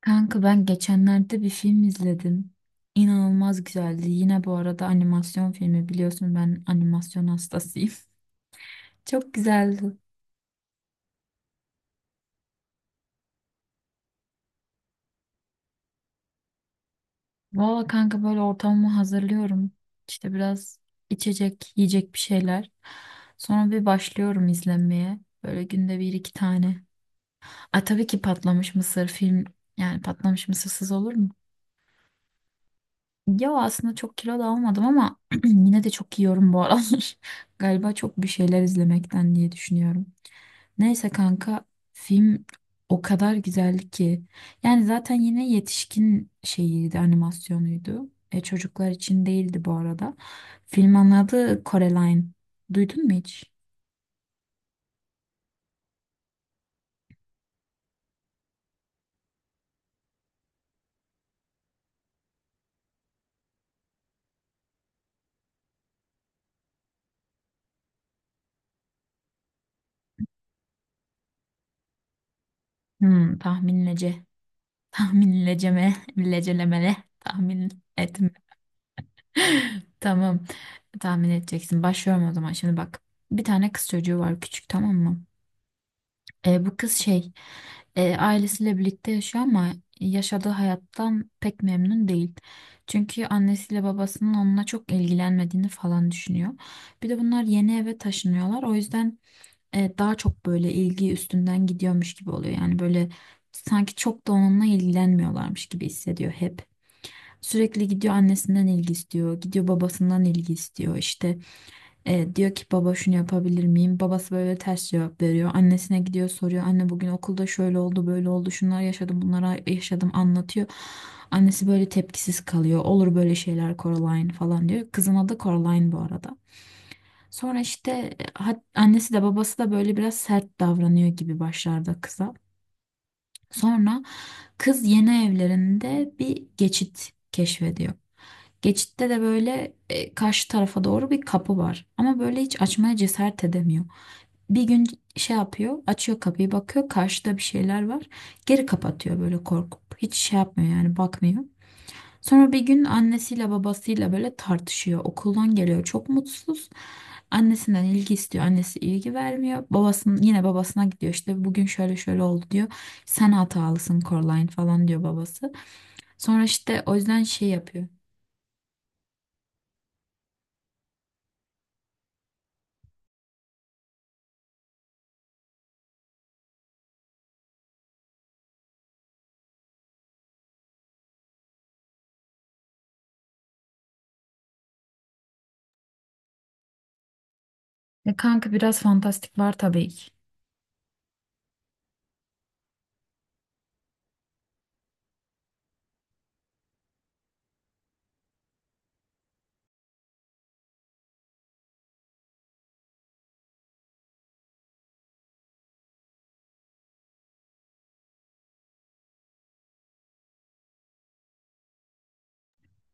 Kanka ben geçenlerde bir film izledim. İnanılmaz güzeldi. Yine bu arada animasyon filmi biliyorsun ben animasyon hastasıyım. Çok güzeldi. Valla kanka böyle ortamımı hazırlıyorum. İşte biraz içecek, yiyecek bir şeyler. Sonra bir başlıyorum izlenmeye. Böyle günde bir iki tane. Ay tabii ki patlamış mısır film. Yani patlamış mısırsız olur mu? Ya aslında çok kilo da almadım ama yine de çok yiyorum bu aralar. Galiba çok bir şeyler izlemekten diye düşünüyorum. Neyse kanka film o kadar güzel ki. Yani zaten yine yetişkin şeyiydi animasyonuydu. Çocuklar için değildi bu arada. Filmin adı Coraline. Duydun mu hiç? Hmm, tahminlece. Tahminleceme. Lecelemele. Tahmin etme. Tamam. Tahmin edeceksin. Başlıyorum o zaman. Şimdi bak. Bir tane kız çocuğu var küçük tamam mı? Bu kız şey ailesiyle birlikte yaşıyor ama yaşadığı hayattan pek memnun değil. Çünkü annesiyle babasının onunla çok ilgilenmediğini falan düşünüyor. Bir de bunlar yeni eve taşınıyorlar. O yüzden daha çok böyle ilgi üstünden gidiyormuş gibi oluyor. Yani böyle sanki çok da onunla ilgilenmiyorlarmış gibi hissediyor hep. Sürekli gidiyor annesinden ilgi istiyor, gidiyor babasından ilgi istiyor. İşte diyor ki baba şunu yapabilir miyim? Babası böyle ters cevap veriyor. Annesine gidiyor soruyor. Anne bugün okulda şöyle oldu, böyle oldu, şunlar yaşadım, bunlara yaşadım anlatıyor. Annesi böyle tepkisiz kalıyor. Olur böyle şeyler Coraline falan diyor. Kızın adı Coraline bu arada. Sonra işte annesi de babası da böyle biraz sert davranıyor gibi başlarda kıza. Sonra kız yeni evlerinde bir geçit keşfediyor. Geçitte de böyle karşı tarafa doğru bir kapı var. Ama böyle hiç açmaya cesaret edemiyor. Bir gün şey yapıyor, açıyor kapıyı, bakıyor karşıda bir şeyler var. Geri kapatıyor böyle korkup. Hiç şey yapmıyor yani bakmıyor. Sonra bir gün annesiyle babasıyla böyle tartışıyor. Okuldan geliyor çok mutsuz. Annesinden ilgi istiyor. Annesi ilgi vermiyor. Babasının yine babasına gidiyor. İşte bugün şöyle şöyle oldu diyor. Sen hatalısın Coraline falan diyor babası. Sonra işte o yüzden şey yapıyor. E kanka biraz fantastik var tabii ki.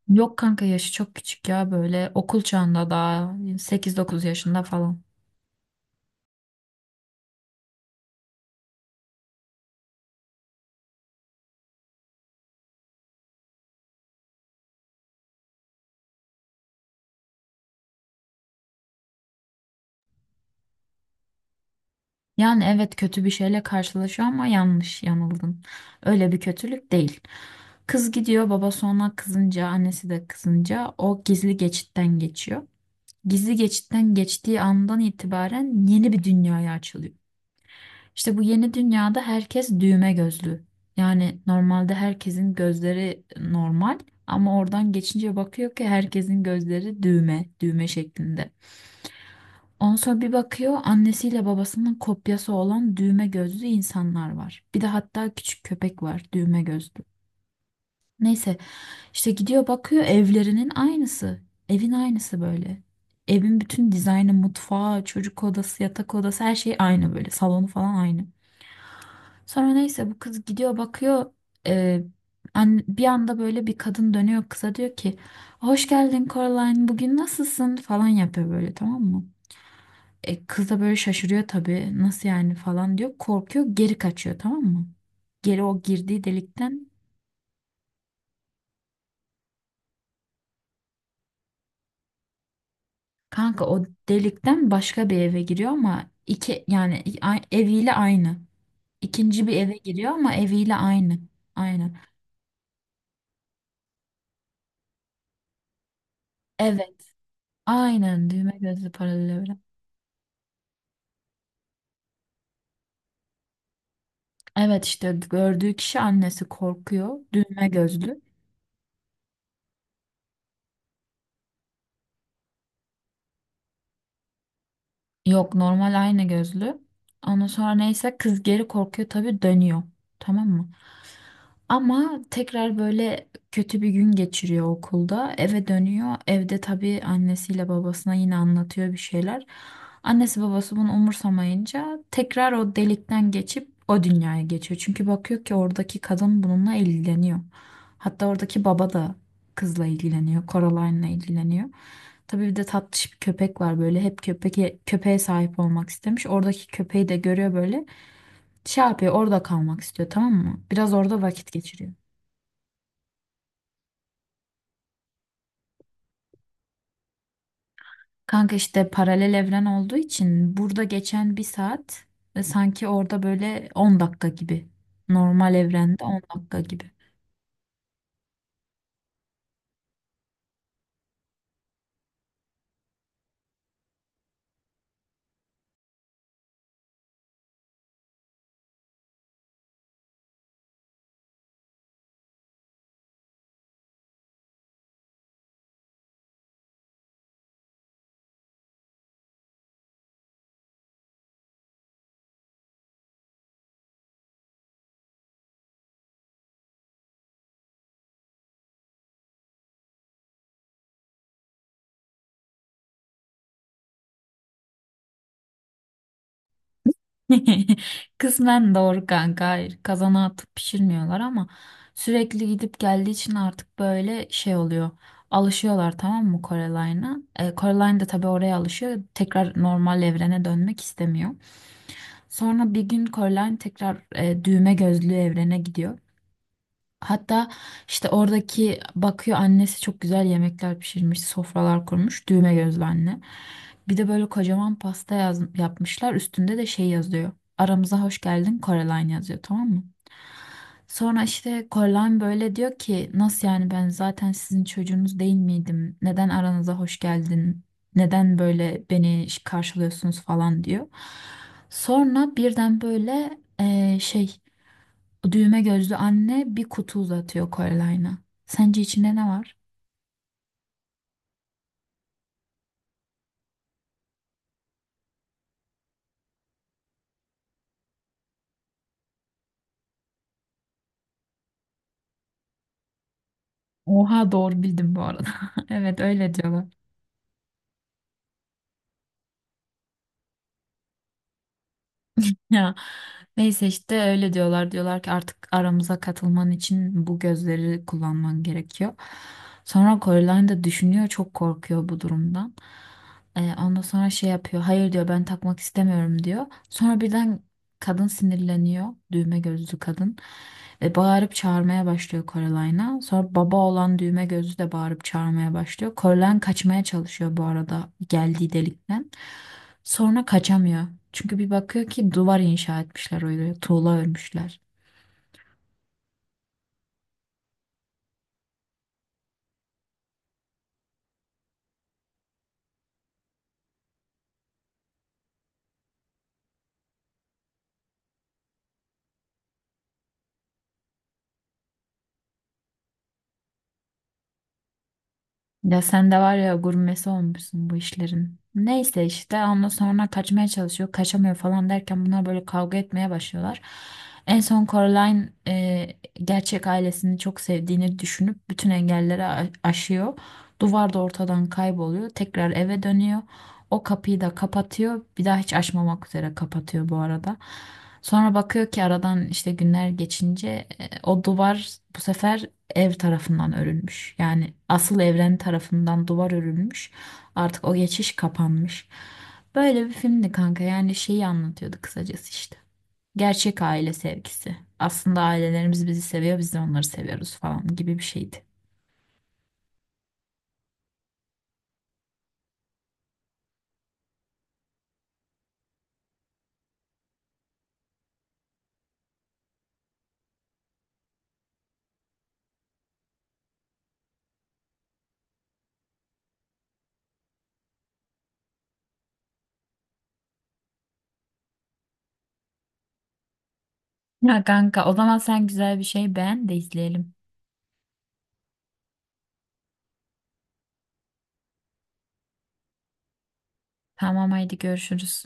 Yok kanka yaşı çok küçük ya böyle okul çağında daha 8-9 yaşında falan. Yani evet kötü bir şeyle karşılaşıyor ama yanlış yanıldın. Öyle bir kötülük değil. Kız gidiyor baba sonra kızınca annesi de kızınca o gizli geçitten geçiyor. Gizli geçitten geçtiği andan itibaren yeni bir dünyaya açılıyor. İşte bu yeni dünyada herkes düğme gözlü. Yani normalde herkesin gözleri normal ama oradan geçince bakıyor ki herkesin gözleri düğme, düğme şeklinde. Ondan sonra bir bakıyor annesiyle babasının kopyası olan düğme gözlü insanlar var. Bir de hatta küçük köpek var düğme gözlü. Neyse işte gidiyor bakıyor evlerinin aynısı. Evin aynısı böyle. Evin bütün dizaynı, mutfağı, çocuk odası, yatak odası her şey aynı böyle. Salonu falan aynı. Sonra neyse bu kız gidiyor bakıyor e, bir anda böyle bir kadın dönüyor kıza diyor ki hoş geldin Coraline bugün nasılsın falan yapıyor böyle tamam mı? Kız da böyle şaşırıyor tabii nasıl yani falan diyor korkuyor geri kaçıyor tamam mı? Geri o girdiği delikten kanka o delikten başka bir eve giriyor ama iki yani eviyle aynı. İkinci bir eve giriyor ama eviyle aynı. Aynen. Evet. Aynen düğme gözlü paralel evren. Evet işte gördüğü kişi annesi korkuyor. Düğme gözlü. Yok normal ayna gözlü. Ondan sonra neyse kız geri korkuyor tabii dönüyor. Tamam mı? Ama tekrar böyle kötü bir gün geçiriyor okulda. Eve dönüyor. Evde tabii annesiyle babasına yine anlatıyor bir şeyler. Annesi babası bunu umursamayınca tekrar o delikten geçip o dünyaya geçiyor. Çünkü bakıyor ki oradaki kadın bununla ilgileniyor. Hatta oradaki baba da kızla ilgileniyor. Coraline'la ilgileniyor. Tabii bir de tatlış bir köpek var böyle. Hep köpek köpeğe sahip olmak istemiş. Oradaki köpeği de görüyor böyle. Şey yapıyor orada kalmak istiyor tamam mı? Biraz orada vakit geçiriyor. Kanka işte paralel evren olduğu için burada geçen bir saat sanki orada böyle 10 dakika gibi. Normal evrende 10 dakika gibi. Kısmen doğru kanka. Hayır, kazana atıp pişirmiyorlar ama sürekli gidip geldiği için artık böyle şey oluyor. Alışıyorlar tamam mı Coreline'a? Coraline de tabii oraya alışıyor. Tekrar normal evrene dönmek istemiyor. Sonra bir gün Coraline tekrar düğme gözlü evrene gidiyor. Hatta işte oradaki bakıyor annesi çok güzel yemekler pişirmiş, sofralar kurmuş, düğme gözlü anne. Bir de böyle kocaman pasta yapmışlar. Üstünde de şey yazıyor. Aramıza hoş geldin Coraline yazıyor tamam mı? Sonra işte Coraline böyle diyor ki nasıl yani ben zaten sizin çocuğunuz değil miydim? Neden aranıza hoş geldin? Neden böyle beni karşılıyorsunuz falan diyor. Sonra birden böyle şey düğme gözlü anne bir kutu uzatıyor Coreline'a. Sence içinde ne var? Oha doğru bildim bu arada. Evet öyle diyorlar. Ya neyse işte öyle diyorlar. Diyorlar ki artık aramıza katılman için bu gözleri kullanman gerekiyor. Sonra Coraline de düşünüyor çok korkuyor bu durumdan. Ondan sonra şey yapıyor. Hayır diyor ben takmak istemiyorum diyor. Sonra birden kadın sinirleniyor. Düğme gözlü kadın. Ve bağırıp çağırmaya başlıyor Coraline'a. Sonra baba olan düğme gözlü de bağırıp çağırmaya başlıyor. Coraline kaçmaya çalışıyor bu arada geldiği delikten. Sonra kaçamıyor. Çünkü bir bakıyor ki duvar inşa etmişler öyle tuğla örmüşler. Ya sen de var ya gurmesi olmuşsun bu işlerin. Neyse işte ondan sonra kaçmaya çalışıyor, kaçamıyor falan derken bunlar böyle kavga etmeye başlıyorlar. En son Coraline gerçek ailesini çok sevdiğini düşünüp bütün engelleri aşıyor. Duvar da ortadan kayboluyor. Tekrar eve dönüyor. O kapıyı da kapatıyor. Bir daha hiç açmamak üzere kapatıyor bu arada. Sonra bakıyor ki aradan işte günler geçince o duvar bu sefer ev tarafından örülmüş. Yani asıl evren tarafından duvar örülmüş. Artık o geçiş kapanmış. Böyle bir filmdi kanka. Yani şeyi anlatıyordu kısacası işte. Gerçek aile sevgisi. Aslında ailelerimiz bizi seviyor, biz de onları seviyoruz falan gibi bir şeydi. Ya kanka, o zaman sen güzel bir şey beğen de izleyelim. Tamam haydi görüşürüz.